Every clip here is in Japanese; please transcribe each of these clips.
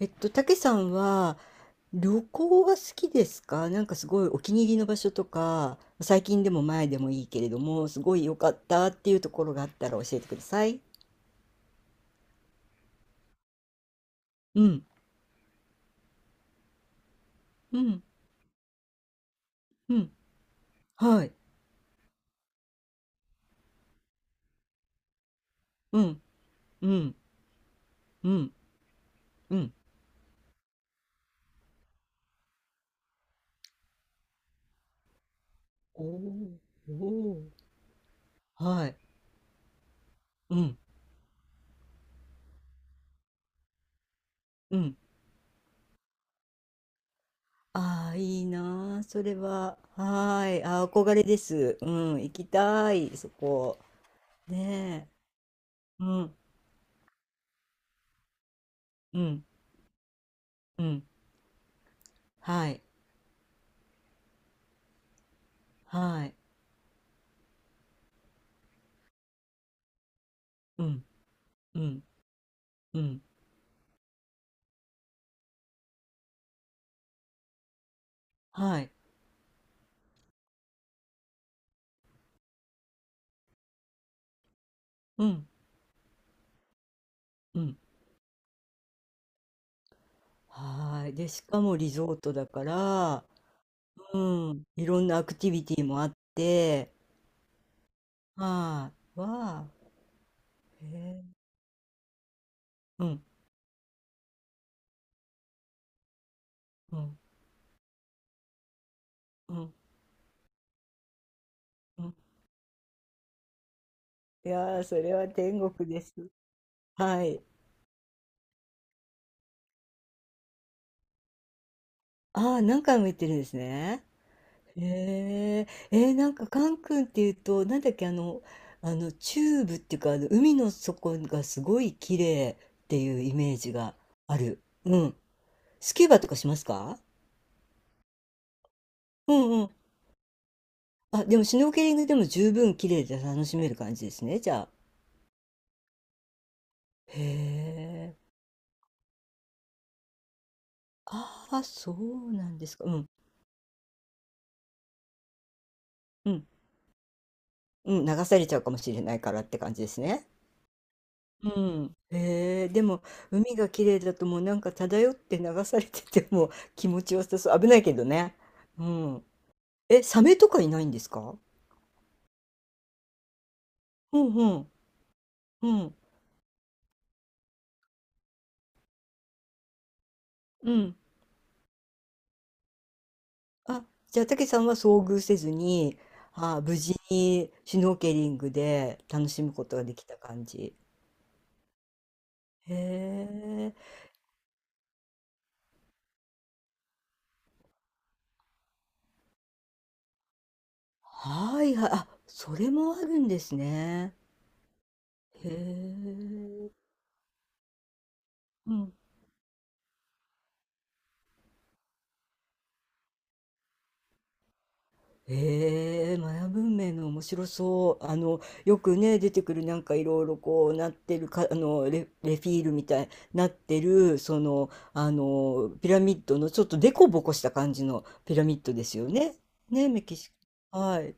たけさんは旅行は好きですか？なんかすごいお気に入りの場所とか、最近でも前でもいいけれども、すごい良かったっていうところがあったら教えてください。うん、うん、うん、はい、うん、うん、うん、うん。おーおー、はい、うん、うん。ああ、いいなあ、それは。はーい、あー、憧れです。うん、行きたい、そこ。ねえ、うん、うん、うん、はい、はい。うんうん、うん、はい。うん、うん。はい。で、しかもリゾートだから、うん、いろんなアクティビティもあって、はい。わあ、へえ、うん、うん、うん、うん。いやー、それは天国です。はい。ああ、何回も行ってるんですね。へえ、えー、なんかカン君っていうと、なんだっけ、あの、あの、チューブっていうか、あの、海の底がすごい綺麗っていうイメージがある。うん。スキューバとかしますか？うんうん。あ、でもシュノーケリングでも十分綺麗で楽しめる感じですね、じゃあ。へえ。ああ、そうなんですか。うん。うん。うん、流されちゃうかもしれないからって感じですね。うん。へえ、でも海が綺麗だともうなんか漂って流されててもう 気持ちよさそう。危ないけどね。うん。え、サメとかいないんですか？うんうん。うん。うん。あ、じゃあ、たけさんは遭遇せずに、あ無事にシュノーケリングで楽しむことができた感じ。へえ、はいはい、あ、それもあるんですね。へえ、うん。へえ、マヤ文明の面白そう。あの、よくね、出てくるなんかいろいろこうなってるか、あの、レ、レフィールみたいになってる、その、あの、ピラミッドのちょっとデコボコした感じのピラミッドですよね。ね、メキシコ。はい。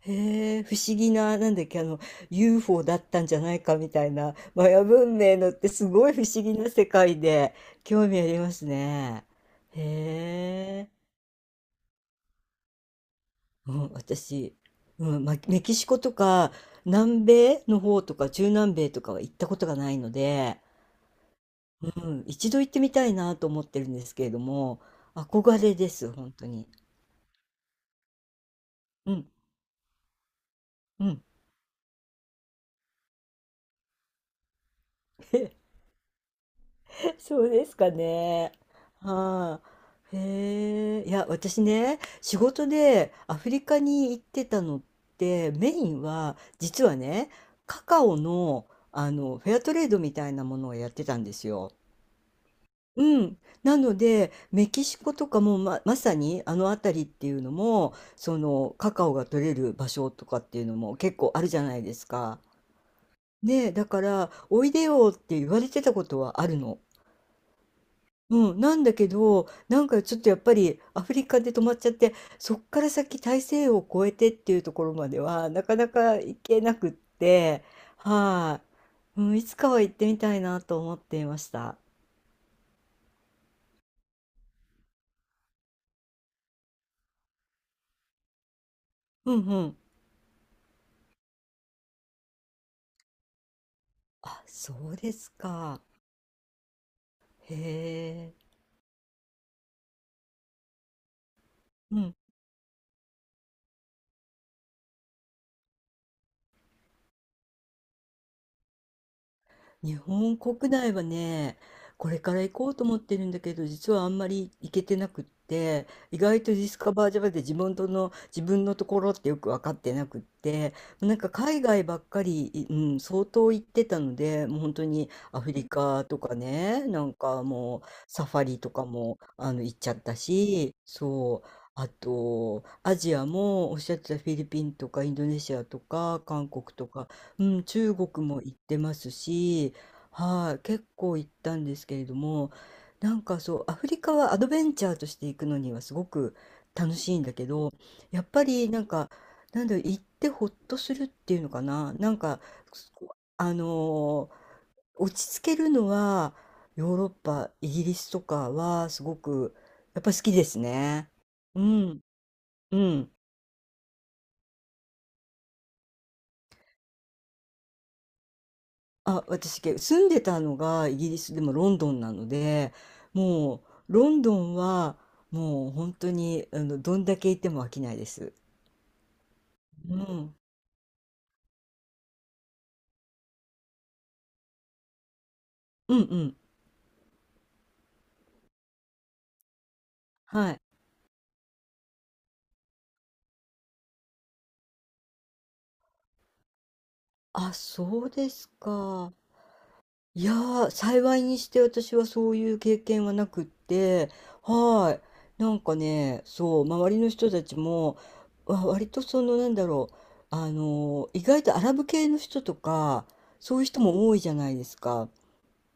へえ、不思議な、なんだっけ、あの、UFO だったんじゃないかみたいな、マヤ文明のってすごい不思議な世界で、興味ありますね。へえ、うん、私、うん、ま、メキシコとか、南米の方とか、中南米とかは行ったことがないので、うん、一度行ってみたいなと思ってるんですけれども、憧れです、本当に。うん、うん。そうですかね。はい。へえ。いや、私ね、仕事でアフリカに行ってたのって、メインは、実はね、カカオの、あの、フェアトレードみたいなものをやってたんですよ。うん。なので、メキシコとかもま、まさにあの辺りっていうのも、その、カカオが取れる場所とかっていうのも結構あるじゃないですか。ねえ、だから、おいでよって言われてたことはあるの。うん、なんだけど、なんかちょっとやっぱりアフリカで止まっちゃって、そっから先大西洋を越えてっていうところまではなかなか行けなくって、はい、うん、いつかは行ってみたいなと思っていました。うんうん。あ、そうですか。へえ。うん。日本国内はね、これから行こうと思ってるんだけど、実はあんまり行けてなくって、意外とディスカバージャ v で自分との、自分のところってよく分かってなくって、なんか海外ばっかり、うん、相当行ってたので、もう本当にアフリカとかね、なんかもうサファリとかもあの行っちゃったし、そう。あと、アジアもおっしゃってたフィリピンとかインドネシアとか韓国とか、うん、中国も行ってますし、はい、結構行ったんですけれども、なんかそう、アフリカはアドベンチャーとして行くのにはすごく楽しいんだけど、やっぱりなんか、なんだろう、行ってほっとするっていうのかな、なんか、あのー落ち着けるのは、ヨーロッパ、イギリスとかはすごく、やっぱり好きですね。うん、うん。あ、私、け住んでたのがイギリスでもロンドンなので、もうロンドンはもう本当にあのどんだけ行っても飽きないです。うん、うんうん、はい。あ、そうですか。いやー、幸いにして私はそういう経験はなくって、はい。なんかね、そう、周りの人たちも、わ割とその、なんだろう、あの、意外とアラブ系の人とか、そういう人も多いじゃないですか。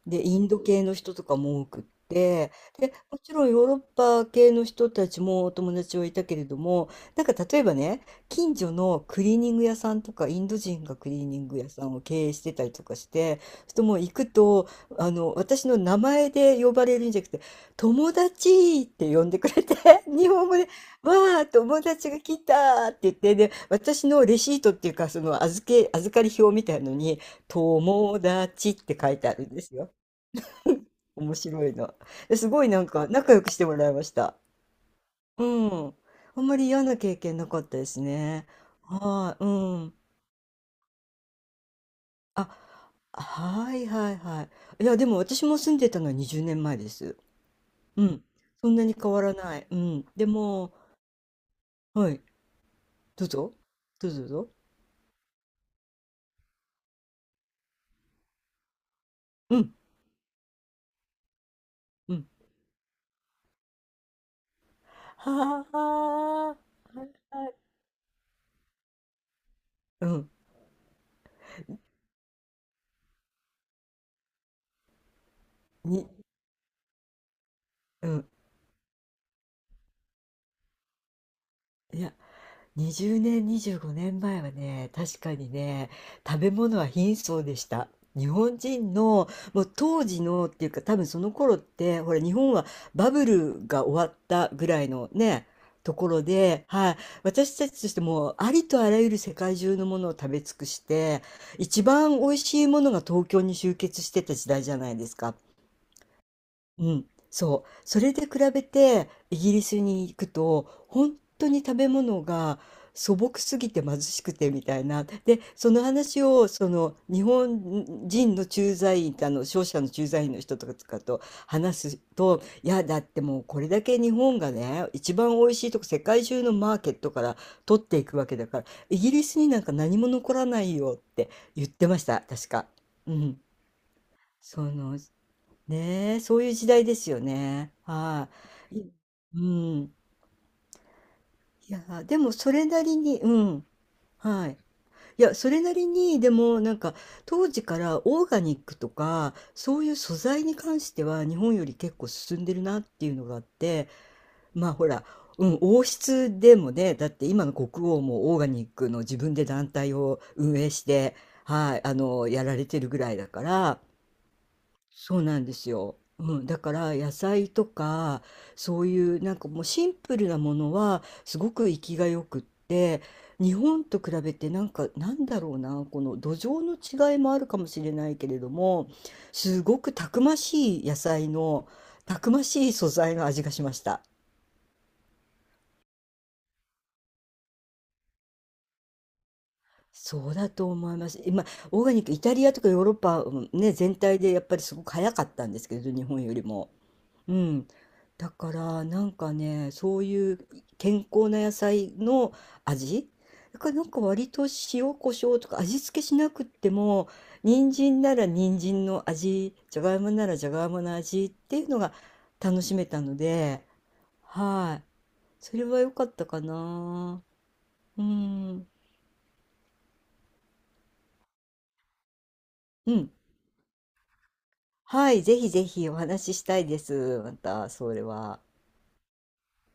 で、インド系の人とかも多くって、で、もちろんヨーロッパ系の人たちもお友達はいたけれども、なんか例えばね、近所のクリーニング屋さんとか、インド人がクリーニング屋さんを経営してたりとかして、人もう行くと、あの、私の名前で呼ばれるんじゃなくて、友達って呼んでくれて、日本語で、わあ、友達が来たって言って、で、私のレシートっていうか、その預け、預かり表みたいのに、友達って書いてあるんですよ。面白いな。えすごいなんか仲良くしてもらいました。うん。あんまり嫌な経験なかったですね。はい、うん。あ、はいはいはい。いや、でも私も住んでたのは20年前です。うん。そんなに変わらない。うん。でも、はい。どうぞ。どうぞどうぞ。うん。うん。はあ、はいはい。うん。に、うん。いや、20年、25年前はね、確かにね、食べ物は貧相でした。日本人の、もう当時のっていうか、多分その頃って、ほら、日本はバブルが終わったぐらいのね、ところで、はい、私たちとしても、ありとあらゆる世界中のものを食べ尽くして、一番美味しいものが東京に集結してた時代じゃないですか。うん、そう。それで比べてイギリスに行くと本当に食べ物が素朴すぎて貧しくてみたいな。で、その話をその日本人の駐在員、あの商社の駐在員の人とかと話すと、いや、だってもうこれだけ日本がね、一番美味しいとこ世界中のマーケットから取っていくわけだから、イギリスになんか何も残らないよって言ってました、確か。うん。そのねえ、そういう時代ですよね。はい。いうん。いや、でもそれなりに、うん。はい。いや、それなりに、でもなんか、当時からオーガニックとか、そういう素材に関しては日本より結構進んでるなっていうのがあって、まあほら、うん、王室でもね、だって今の国王もオーガニックの自分で団体を運営して、はい、あの、やられてるぐらいだから、そうなんですよ。うん、だから野菜とかそういうなんかもうシンプルなものはすごく生きがよくって日本と比べてなんかなんだろうなこの土壌の違いもあるかもしれないけれどもすごくたくましい野菜のたくましい素材の味がしました。そうだと思います。今オーガニックイタリアとかヨーロッパ、うんね、全体でやっぱりすごく早かったんですけれど日本よりも。うん。だからなんかね、そういう健康な野菜の味だからなんか割と塩コショウとか味付けしなくっても、人参なら人参の味、じゃがいもならじゃがいもの味っていうのが楽しめたので、はい。それは良かったかな。うん。うん。はい。ぜひぜひお話ししたいです。また、それは。